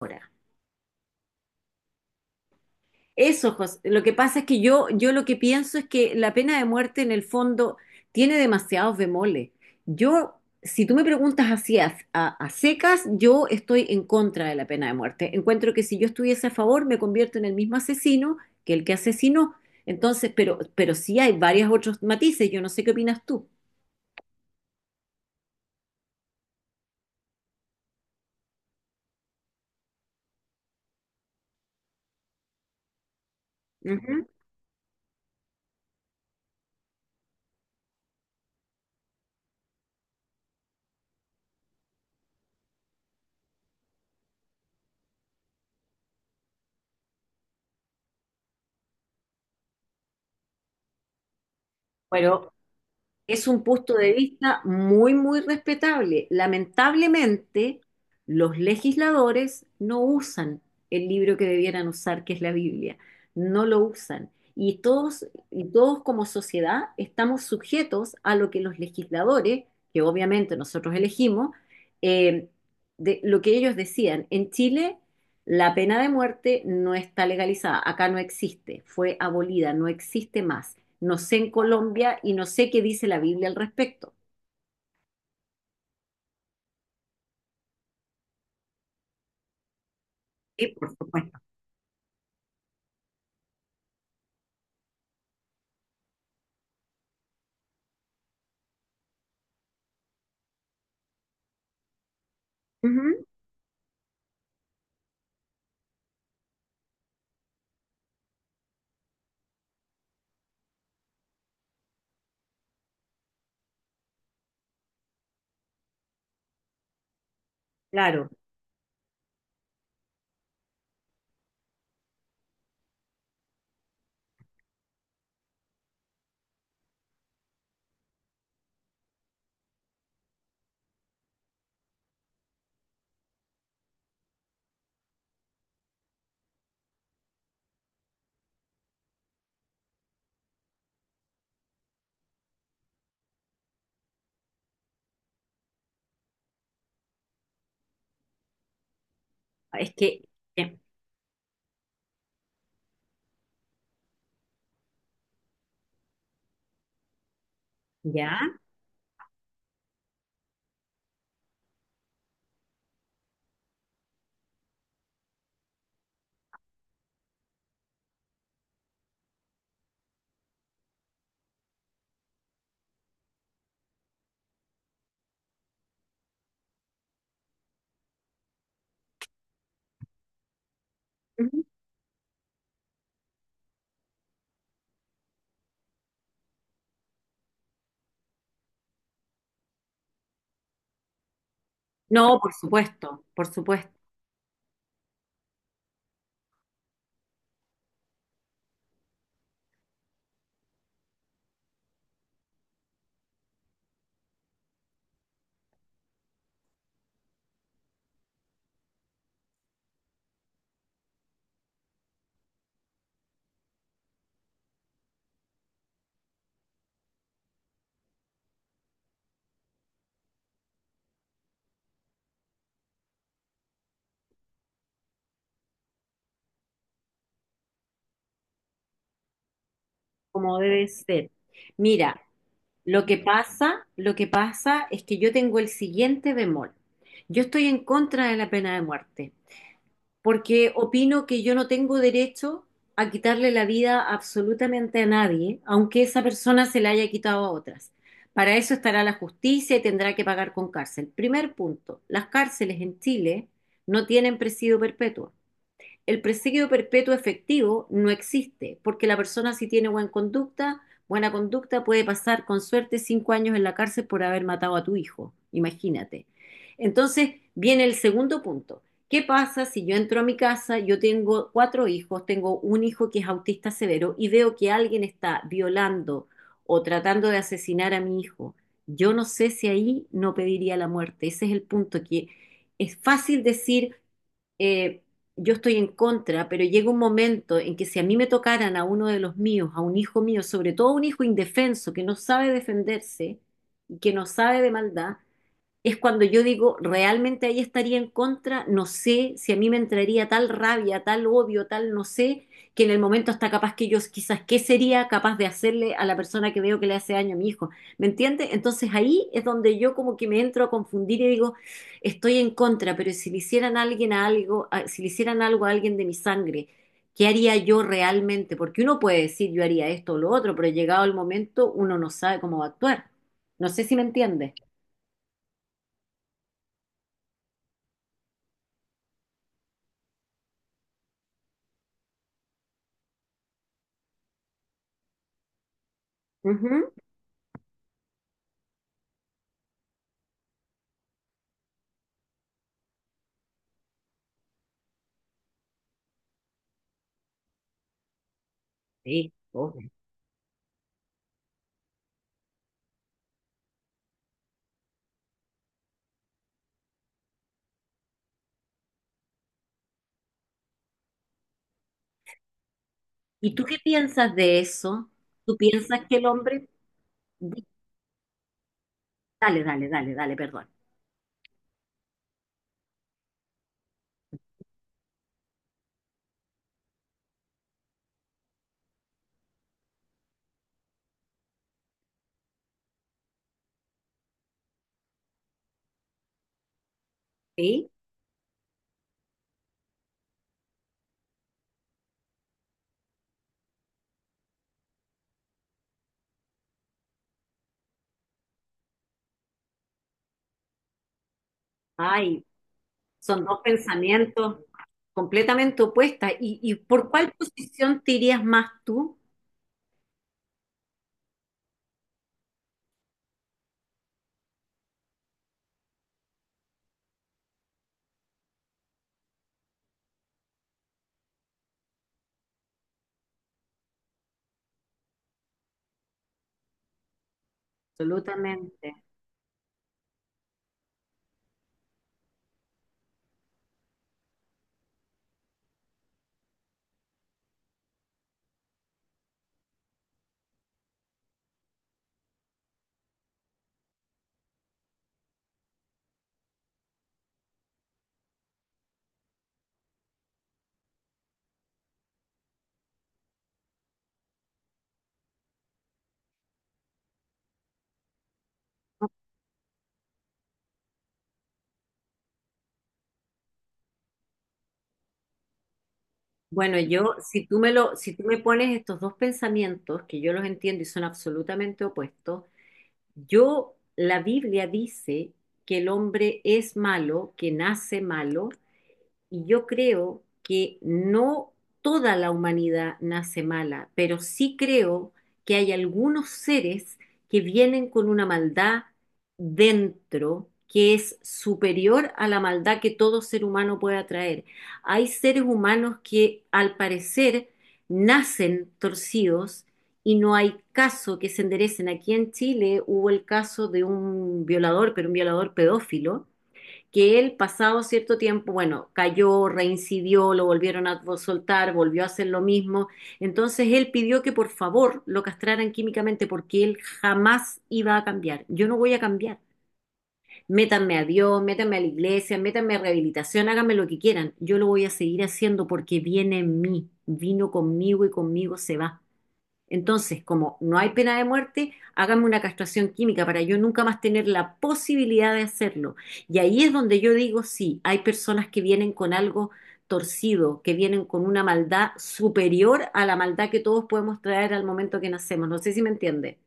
Ahora. Eso, José. Lo que pasa es que yo lo que pienso es que la pena de muerte en el fondo tiene demasiados bemoles. Yo, si tú me preguntas así a secas, yo estoy en contra de la pena de muerte. Encuentro que si yo estuviese a favor, me convierto en el mismo asesino que el que asesinó. Entonces, pero sí hay varios otros matices. Yo no sé qué opinas tú. Ujú. Pero es un punto de vista muy respetable. Lamentablemente, los legisladores no usan el libro que debieran usar, que es la Biblia. No lo usan. Y todos, y todos como sociedad estamos sujetos a lo que los legisladores, que obviamente nosotros elegimos, eh, de lo que ellos decían. En Chile, la pena de muerte no está legalizada, acá no existe, fue abolida, no existe más. No sé en Colombia y no sé qué dice la Biblia al respecto. Sí, por supuesto. Ujú. Claro, es que, eh, ¿ya? Ujú. No, por supuesto, como debe ser. Mira, lo que pasa es que yo tengo el siguiente bemol. Yo estoy en contra de la pena de muerte, porque opino que yo no tengo derecho a quitarle la vida absolutamente a nadie, aunque esa persona se la haya quitado a otras. Para eso estará la justicia y tendrá que pagar con cárcel. Primer punto, las cárceles en Chile no tienen presidio perpetuo. El presidio perpetuo efectivo no existe, porque la persona si tiene buena conducta puede pasar con suerte cinco años en la cárcel por haber matado a tu hijo, imagínate. Entonces viene el segundo punto. ¿Qué pasa si yo entro a mi casa, yo tengo cuatro hijos, tengo un hijo que es autista severo y veo que alguien está violando o tratando de asesinar a mi hijo? Yo no sé si ahí no pediría la muerte. Ese es el punto que es fácil decir, eh, yo estoy en contra, pero llega un momento en que si a mí me tocaran a uno de los míos, a un hijo mío, sobre todo un hijo indefenso que no sabe defenderse y que no sabe de maldad, es cuando yo digo, realmente ahí estaría en contra, no sé si a mí me entraría tal rabia, tal odio, tal no sé, que en el momento está capaz que yo quizás, ¿qué sería capaz de hacerle a la persona que veo que le hace daño a mi hijo? ¿Me entiende? Entonces ahí es donde yo como que me entro a confundir y digo, estoy en contra, pero si le hicieran a alguien a algo, si le hicieran algo a alguien de mi sangre, ¿qué haría yo realmente? Porque uno puede decir, yo haría esto o lo otro, pero llegado el momento uno no sabe cómo va a actuar. No sé si me entiende. Sí, obvio. ¿Y tú qué piensas de eso? ¿Tú piensas que el hombre... Dale, dale, dale, dale, perdón. ¿Sí? Ay, son dos pensamientos completamente opuestos. ¿Y por cuál posición te irías más tú? Absolutamente. Bueno, yo, si tú me lo, si tú me pones estos dos pensamientos, que yo los entiendo y son absolutamente opuestos, yo, la Biblia dice que el hombre es malo, que nace malo, y yo creo que no toda la humanidad nace mala, pero sí creo que hay algunos seres que vienen con una maldad dentro que es superior a la maldad que todo ser humano puede atraer. Hay seres humanos que al parecer nacen torcidos y no hay caso que se enderecen. Aquí en Chile hubo el caso de un violador, pero un violador pedófilo que él pasado cierto tiempo, bueno, cayó, reincidió, lo volvieron a soltar, volvió a hacer lo mismo. Entonces él pidió que por favor lo castraran químicamente porque él jamás iba a cambiar. Yo no voy a cambiar. Métanme a Dios, métanme a la iglesia, métanme a rehabilitación, háganme lo que quieran. Yo lo voy a seguir haciendo porque viene en mí, vino conmigo y conmigo se va. Entonces, como no hay pena de muerte, hágame una castración química para yo nunca más tener la posibilidad de hacerlo. Y ahí es donde yo digo, sí, hay personas que vienen con algo torcido, que vienen con una maldad superior a la maldad que todos podemos traer al momento que nacemos. No sé si me entiende.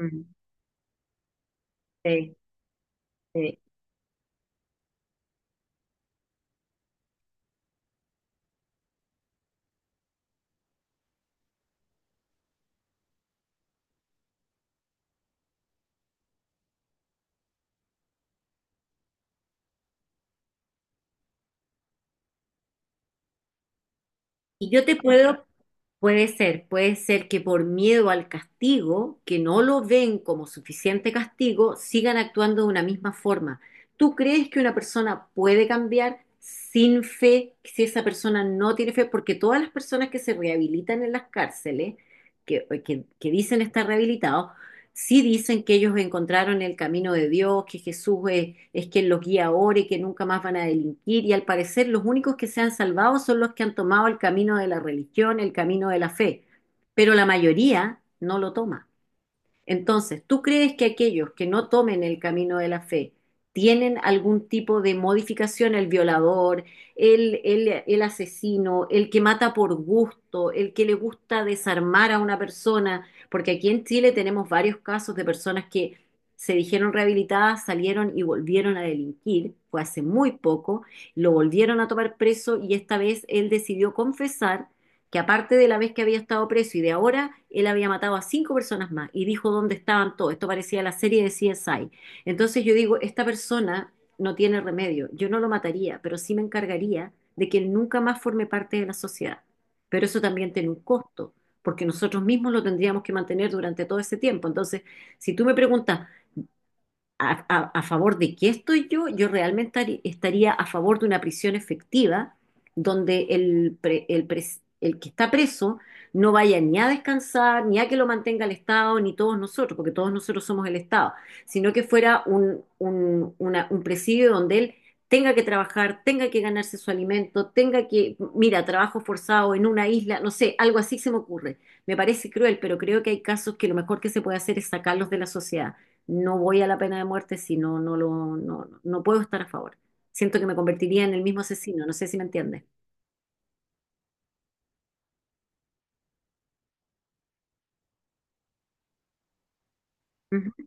Mm, sí, sí. Y yo te puedo. Puede ser que por miedo al castigo, que no lo ven como suficiente castigo, sigan actuando de una misma forma. ¿Tú crees que una persona puede cambiar sin fe si esa persona no tiene fe? Porque todas las personas que se rehabilitan en las cárceles, que dicen estar rehabilitados, sí dicen que ellos encontraron el camino de Dios, que Jesús es quien los guía ahora y que nunca más van a delinquir. Y al parecer los únicos que se han salvado son los que han tomado el camino de la religión, el camino de la fe. Pero la mayoría no lo toma. Entonces, ¿tú crees que aquellos que no tomen el camino de la fe tienen algún tipo de modificación? El violador, el asesino, el que mata por gusto, el que le gusta desarmar a una persona, porque aquí en Chile tenemos varios casos de personas que se dijeron rehabilitadas, salieron y volvieron a delinquir, fue hace muy poco, lo volvieron a tomar preso y esta vez él decidió confesar que aparte de la vez que había estado preso y de ahora, él había matado a cinco personas más y dijo dónde estaban todos. Esto parecía la serie de CSI. Entonces yo digo, esta persona no tiene remedio. Yo no lo mataría, pero sí me encargaría de que él nunca más forme parte de la sociedad. Pero eso también tiene un costo, porque nosotros mismos lo tendríamos que mantener durante todo ese tiempo. Entonces, si tú me preguntas, a favor de qué estoy yo, yo realmente estaría a favor de una prisión efectiva donde el que está preso no vaya ni a descansar, ni a que lo mantenga el Estado, ni todos nosotros, porque todos nosotros somos el Estado, sino que fuera un presidio donde él tenga que trabajar, tenga que ganarse su alimento, tenga que, mira, trabajo forzado en una isla, no sé, algo así se me ocurre. Me parece cruel, pero creo que hay casos que lo mejor que se puede hacer es sacarlos de la sociedad, no voy a la pena de muerte, si no, no lo, no, no puedo estar a favor. Siento que me convertiría en el mismo asesino, no sé si me entiendes. Ujú.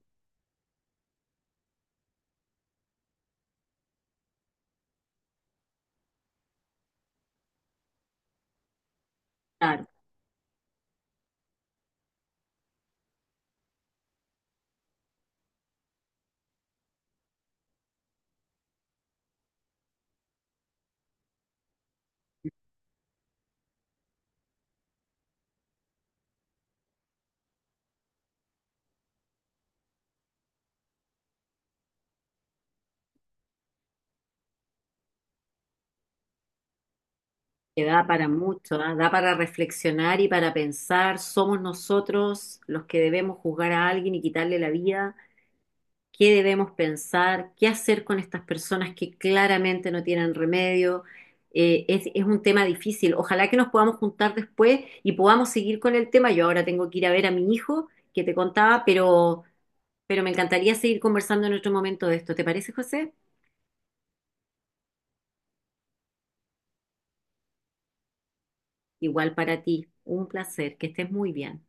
Claro, que da para mucho, ¿ah? Da para reflexionar y para pensar, somos nosotros los que debemos juzgar a alguien y quitarle la vida, qué debemos pensar, qué hacer con estas personas que claramente no tienen remedio. Es un tema difícil. Ojalá que nos podamos juntar después y podamos seguir con el tema. Yo ahora tengo que ir a ver a mi hijo que te contaba, pero me encantaría seguir conversando en otro momento de esto. ¿Te parece, José? Igual para ti. Un placer. Que estés muy bien.